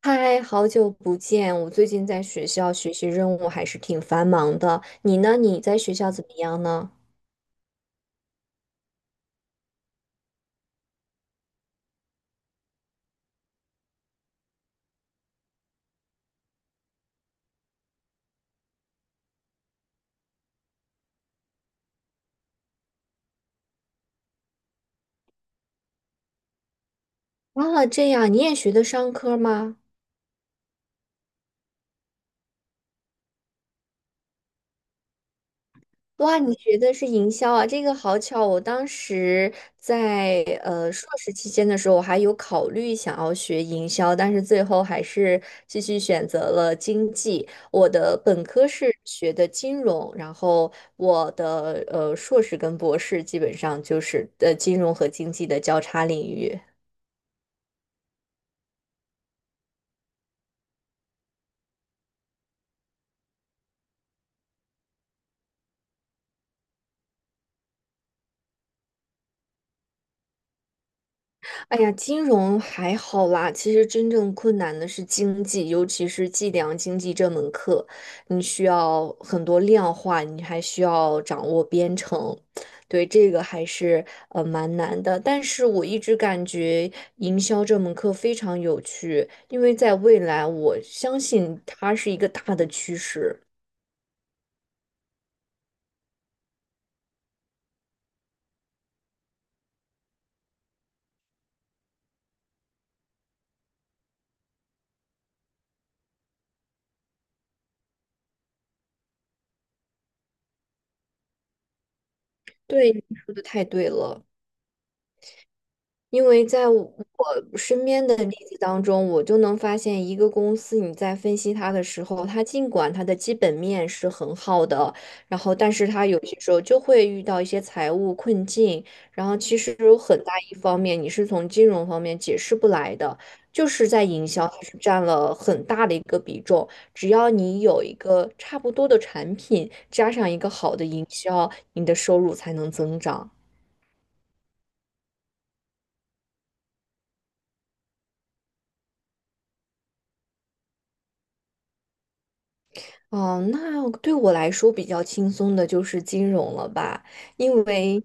嗨，好久不见！我最近在学校学习任务还是挺繁忙的。你呢？你在学校怎么样呢？啊，这样你也学的商科吗？哇，你学的是营销啊？这个好巧，我当时在硕士期间的时候，我还有考虑想要学营销，但是最后还是继续选择了经济。我的本科是学的金融，然后我的硕士跟博士基本上就是金融和经济的交叉领域。哎呀，金融还好啦。其实真正困难的是经济，尤其是计量经济这门课，你需要很多量化，你还需要掌握编程。对，这个还是蛮难的。但是我一直感觉营销这门课非常有趣，因为在未来，我相信它是一个大的趋势。对，你说的太对了。因为在我身边的例子当中，我就能发现一个公司，你在分析它的时候，尽管它的基本面是很好的，然后但是它有些时候就会遇到一些财务困境，然后其实有很大一方面你是从金融方面解释不来的，就是在营销它是占了很大的一个比重。只要你有一个差不多的产品，加上一个好的营销，你的收入才能增长。哦，那对我来说比较轻松的就是金融了吧，因为，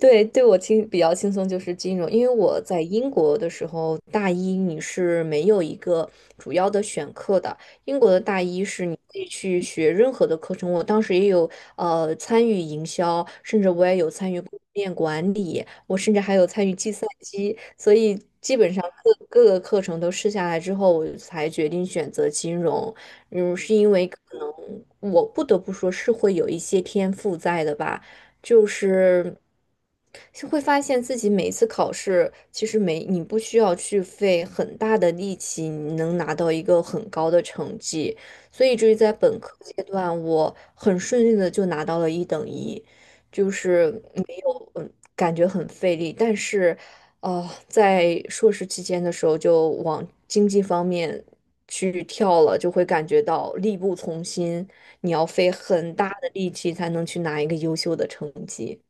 对，对我轻比较轻松就是金融，因为我在英国的时候，大一你是没有一个主要的选课的。英国的大一是你可以去学任何的课程，我当时也有参与营销，甚至我也有参与供应链管理，我甚至还有参与计算机，所以基本上各个课程都试下来之后，我才决定选择金融。嗯，是因为可能我不得不说是会有一些天赋在的吧。就是是会发现自己每一次考试，其实没你不需要去费很大的力气，你能拿到一个很高的成绩。所以至于在本科阶段，我很顺利的就拿到了一等一，就是没有感觉很费力，但是在硕士期间的时候就往经济方面去跳了，就会感觉到力不从心。你要费很大的力气才能去拿一个优秀的成绩。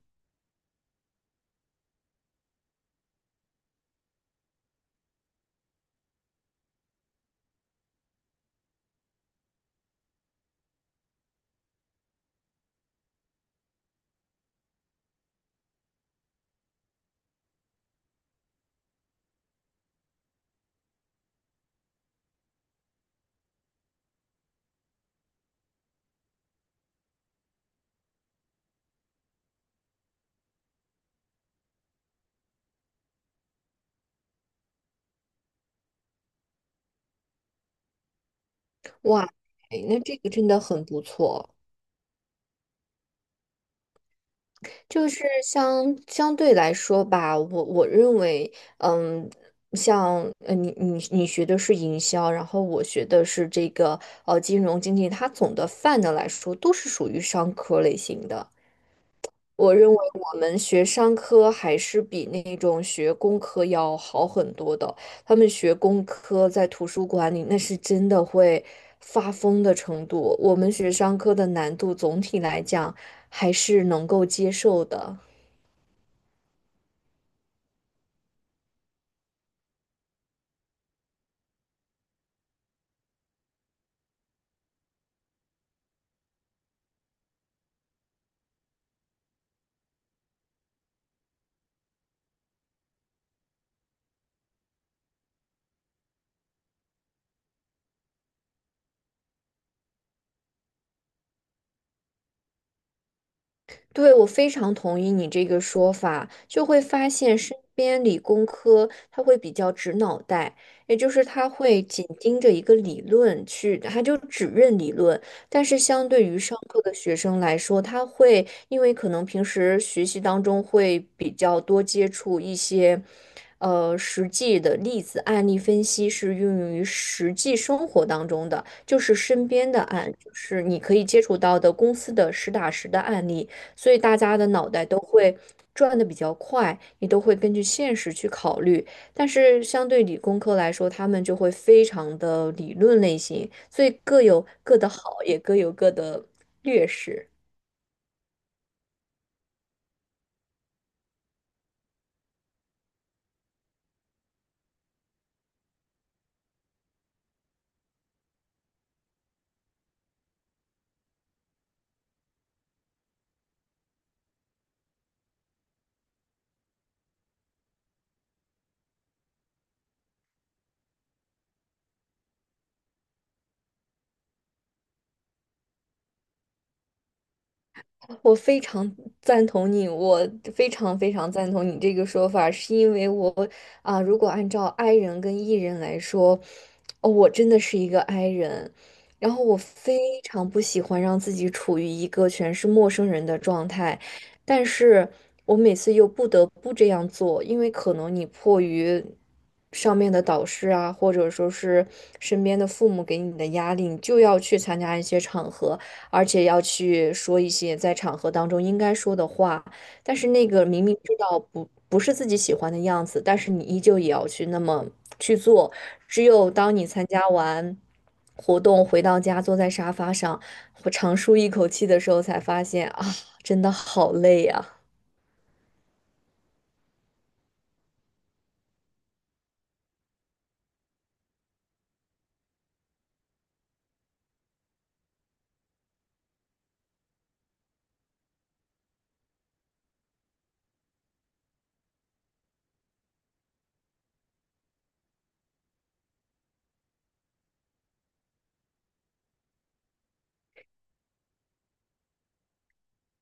哇，哎那这个真的很不错。就是相对来说吧，我认为，嗯，像你学的是营销，然后我学的是这个金融经济，它总的泛的来说都是属于商科类型的。我认为我们学商科还是比那种学工科要好很多的。他们学工科在图书馆里，那是真的会发疯的程度。我们学商科的难度总体来讲还是能够接受的。对，我非常同意你这个说法，就会发现身边理工科他会比较直脑袋，也就是他会紧盯着一个理论去，他就只认理论。但是相对于上课的学生来说，他会因为可能平时学习当中会比较多接触一些，实际的例子案例分析是运用于实际生活当中的，就是身边的案，就是你可以接触到的公司的实打实的案例。所以大家的脑袋都会转的比较快，你都会根据现实去考虑。但是相对理工科来说，他们就会非常的理论类型，所以各有各的好，也各有各的劣势。我非常赞同你，我非常赞同你这个说法，是因为我啊、如果按照 I 人跟 E 人来说，哦，我真的是一个 I 人，然后我非常不喜欢让自己处于一个全是陌生人的状态，但是我每次又不得不这样做，因为可能你迫于上面的导师啊，或者说是身边的父母给你的压力，你就要去参加一些场合。而且要去说一些在场合当中应该说的话。但是那个明明知道不是自己喜欢的样子，但是你依旧也要去那么去做。只有当你参加完活动回到家，坐在沙发上，我长舒一口气的时候，才发现啊，真的好累呀、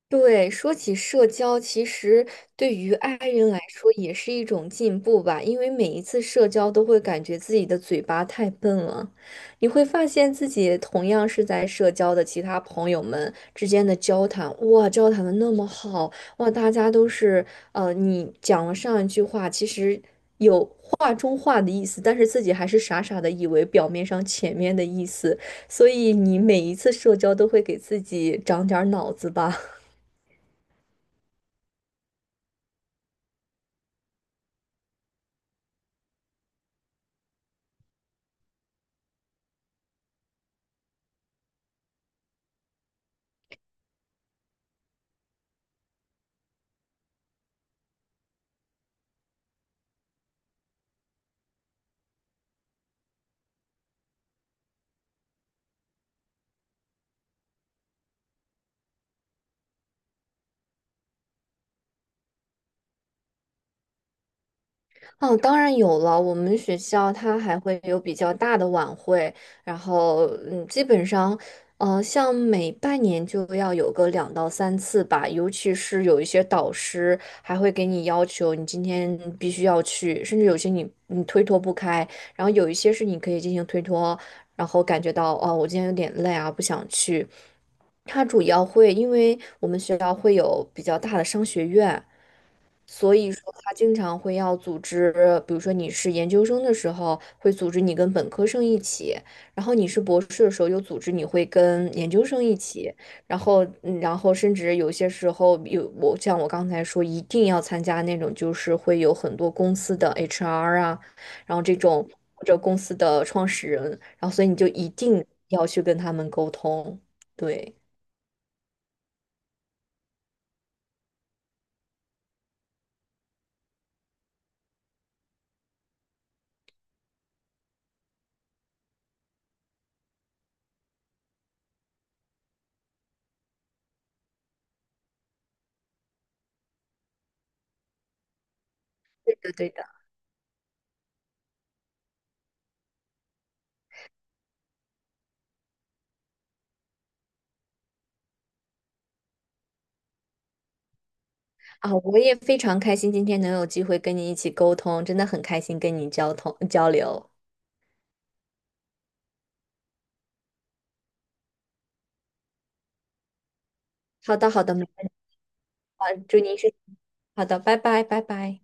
对，说起社交，其实对于爱人来说也是一种进步吧，因为每一次社交都会感觉自己的嘴巴太笨了，你会发现自己同样是在社交的其他朋友们之间的交谈，哇，交谈的那么好，哇，大家都是，你讲了上一句话，其实有话中话的意思，但是自己还是傻傻的以为表面上前面的意思，所以你每一次社交都会给自己长点儿脑子吧。哦，当然有了。我们学校它还会有比较大的晚会，然后嗯，基本上，像每半年就要有个两到三次吧。尤其是有一些导师还会给你要求，你今天必须要去，甚至有些你推脱不开，然后有一些是你可以进行推脱，然后感觉到哦，我今天有点累啊，不想去。它主要会，因为我们学校会有比较大的商学院，所以说，他经常会要组织，比如说你是研究生的时候，会组织你跟本科生一起；然后你是博士的时候，又组织你会跟研究生一起。然后，然后甚至有些时候我像我刚才说，一定要参加那种就是会有很多公司的 HR 啊，然后这种或者公司的创始人，然后所以你就一定要去跟他们沟通。对，的。啊，我也非常开心今天能有机会跟你一起沟通，真的很开心跟你交流。好的，好的，没问题。好，祝您是好的，拜拜，拜拜。